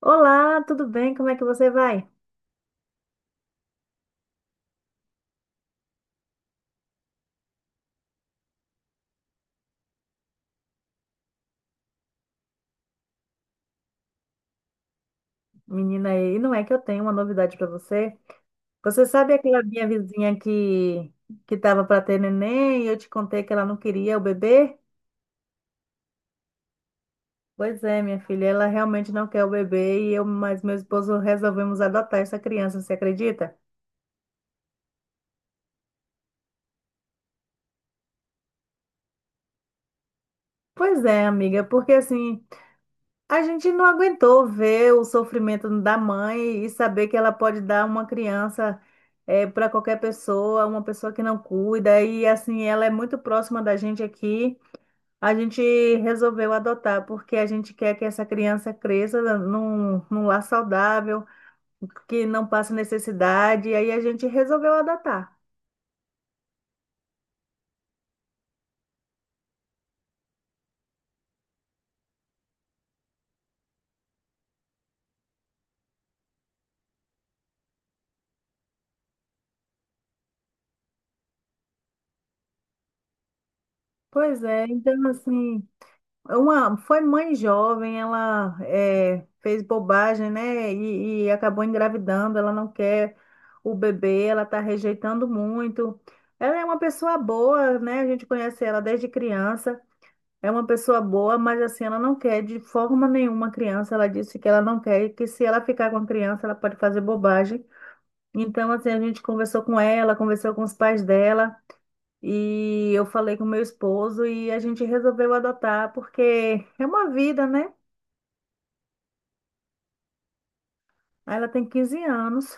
Olá, tudo bem? Como é que você vai? Menina, e não é que eu tenho uma novidade para você. Você sabe aquela minha vizinha que estava para ter neném e eu te contei que ela não queria o bebê? Pois é, minha filha, ela realmente não quer o bebê e eu, mas meu esposo resolvemos adotar essa criança, você acredita? Pois é, amiga, porque assim, a gente não aguentou ver o sofrimento da mãe e saber que ela pode dar uma criança para qualquer pessoa, uma pessoa que não cuida. E assim, ela é muito próxima da gente aqui. A gente resolveu adotar, porque a gente quer que essa criança cresça num lar saudável, que não passe necessidade. E aí a gente resolveu adotar. Pois é, então assim. Uma, foi mãe jovem, ela é, fez bobagem, né? E acabou engravidando. Ela não quer o bebê, ela está rejeitando muito. Ela é uma pessoa boa, né? A gente conhece ela desde criança. É uma pessoa boa, mas assim, ela não quer de forma nenhuma a criança. Ela disse que ela não quer e que se ela ficar com a criança, ela pode fazer bobagem. Então, assim, a gente conversou com ela, conversou com os pais dela. E eu falei com meu esposo e a gente resolveu adotar, porque é uma vida, né? Ela tem 15 anos.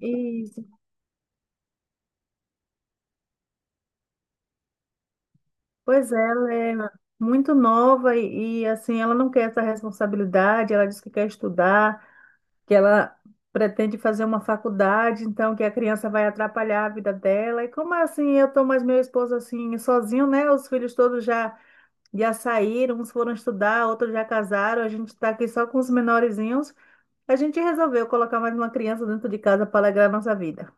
E, pois é, ela é muito nova assim, ela não quer essa responsabilidade, ela diz que quer estudar, que ela pretende fazer uma faculdade, então que a criança vai atrapalhar a vida dela. E como assim, eu tô mais meu esposo assim, sozinho, né? Os filhos todos já saíram, uns foram estudar, outros já casaram, a gente tá aqui só com os menorzinhos. A gente resolveu colocar mais uma criança dentro de casa para alegrar nossa vida.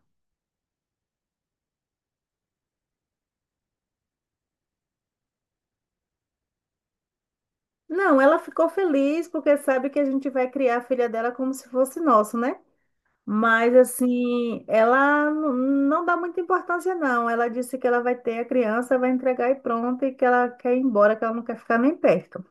Não, ela ficou feliz porque sabe que a gente vai criar a filha dela como se fosse nosso, né? Mas assim, ela n- não dá muita importância, não. Ela disse que ela vai ter a criança, vai entregar e pronto, e que ela quer ir embora, que ela não quer ficar nem perto.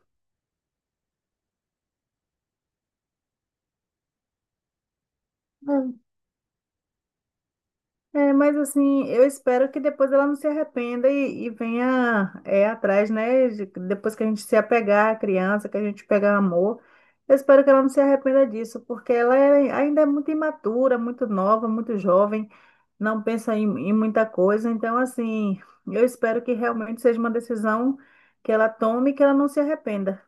É, mas assim, eu espero que depois ela não se arrependa venha é, atrás, né? Depois que a gente se apegar à criança, que a gente pegar amor, eu espero que ela não se arrependa disso, porque ainda é muito imatura, muito nova, muito jovem, não pensa em muita coisa. Então, assim, eu espero que realmente seja uma decisão que ela tome e que ela não se arrependa.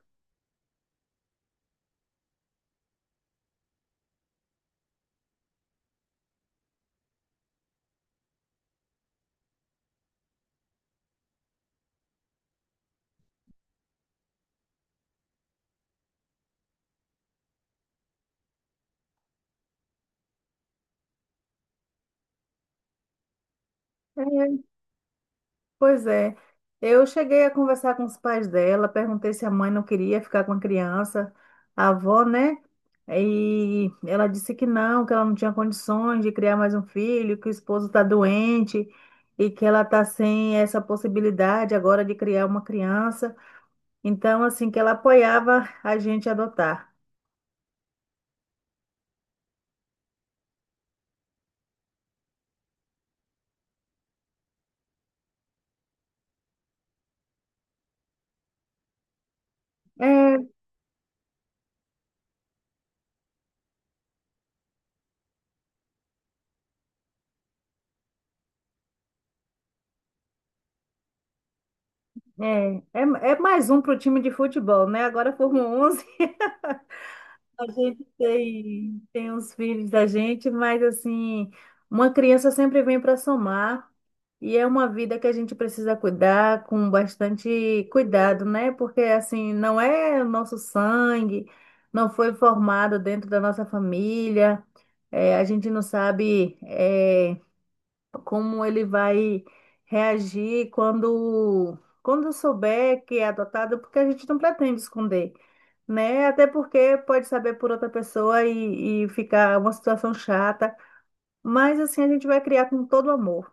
Pois é. Eu cheguei a conversar com os pais dela, perguntei se a mãe não queria ficar com a criança, a avó, né? E ela disse que não, que ela não tinha condições de criar mais um filho, que o esposo está doente e que ela está sem essa possibilidade agora de criar uma criança. Então, assim, que ela apoiava a gente adotar. É, é, é, é, mais um para o time de futebol, né? Agora formou 11. A gente tem os filhos da gente, mas assim, uma criança sempre vem para somar e é uma vida que a gente precisa cuidar com bastante cuidado, né? Porque assim, não é o nosso sangue, não foi formado dentro da nossa família, é, a gente não sabe, é, como ele vai reagir quando souber que é adotado, porque a gente não pretende esconder, né? Até porque pode saber por outra pessoa ficar uma situação chata. Mas assim, a gente vai criar com todo amor.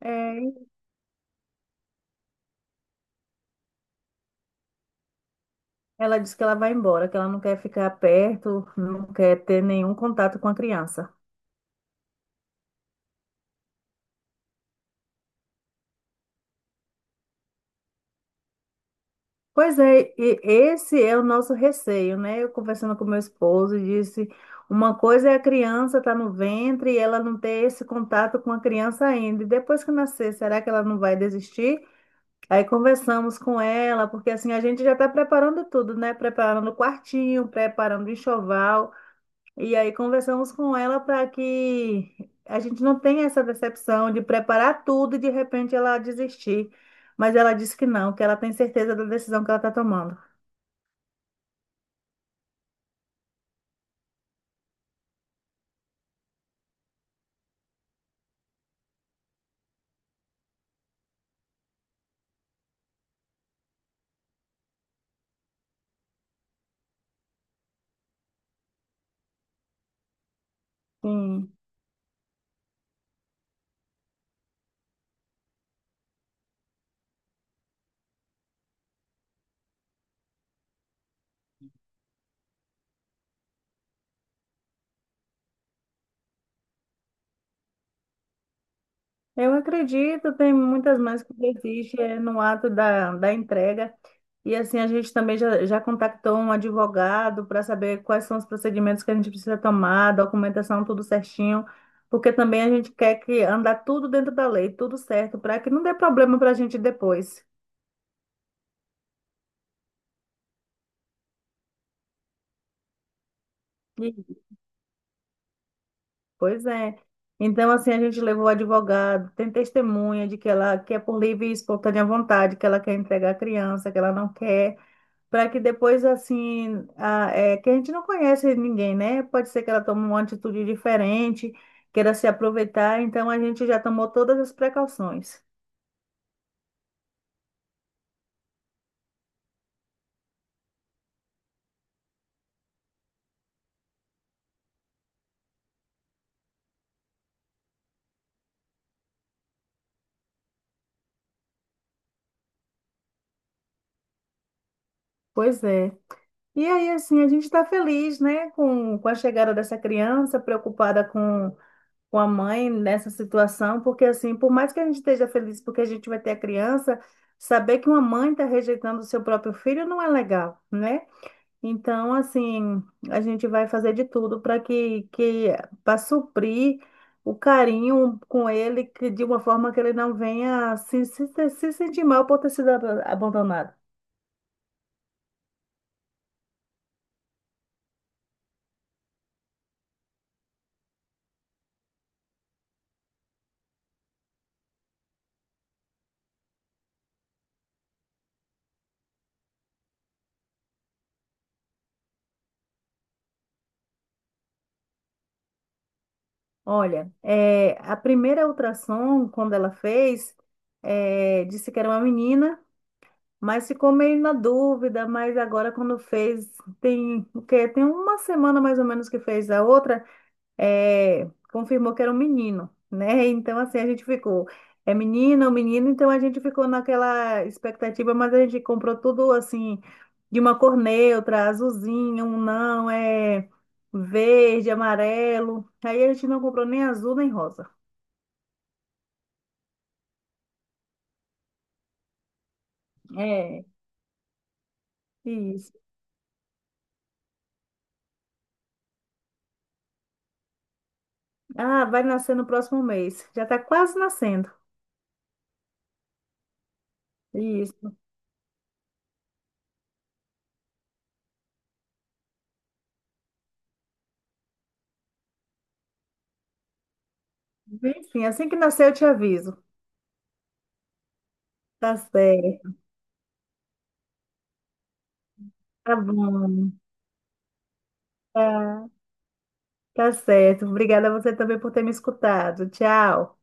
É, ela disse que ela vai embora, que ela não quer ficar perto, não quer ter nenhum contato com a criança. Pois é, e esse é o nosso receio, né? Eu conversando com meu esposo, disse, uma coisa é a criança estar no ventre e ela não ter esse contato com a criança ainda. E depois que nascer, será que ela não vai desistir? Aí conversamos com ela, porque assim a gente já está preparando tudo, né? Preparando o quartinho, preparando o enxoval. E aí conversamos com ela para que a gente não tenha essa decepção de preparar tudo e de repente ela desistir. Mas ela disse que não, que ela tem certeza da decisão que ela está tomando. Sim. Eu acredito, tem muitas mães que desistem é, no ato da entrega. E assim, a gente também já contactou um advogado para saber quais são os procedimentos que a gente precisa tomar, documentação, tudo certinho, porque também a gente quer que andar tudo dentro da lei, tudo certo, para que não dê problema para a gente depois. E, pois é. Então, assim, a gente levou o advogado, tem testemunha de que ela quer por livre e espontânea vontade, que ela quer entregar a criança, que ela não quer. Para que depois, assim, que a gente não conhece ninguém, né? Pode ser que ela tome uma atitude diferente, queira se aproveitar, então a gente já tomou todas as precauções. Pois é. E aí, assim, a gente está feliz, né, com a chegada dessa criança, preocupada com a mãe nessa situação, porque, assim, por mais que a gente esteja feliz porque a gente vai ter a criança, saber que uma mãe está rejeitando o seu próprio filho não é legal, né? Então, assim, a gente vai fazer de tudo para que, que para suprir o carinho com ele, que de uma forma que ele não venha se sentir mal por ter sido abandonado. Olha, é, a primeira ultrassom, quando ela fez, é, disse que era uma menina, mas ficou meio na dúvida, mas agora quando fez, tem o quê? Tem uma semana mais ou menos que fez a outra. É, confirmou que era um menino, né? Então, assim, a gente ficou, é menina ou menino, então a gente ficou naquela expectativa, mas a gente comprou tudo, assim, de uma cor neutra, azulzinho, um não, é verde, amarelo. Aí a gente não comprou nem azul nem rosa. É, isso. Ah, vai nascer no próximo mês. Já tá quase nascendo. Isso. Enfim, assim que nascer eu te aviso. Tá certo. Tá bom. Tá. Tá certo. Obrigada a você também por ter me escutado. Tchau.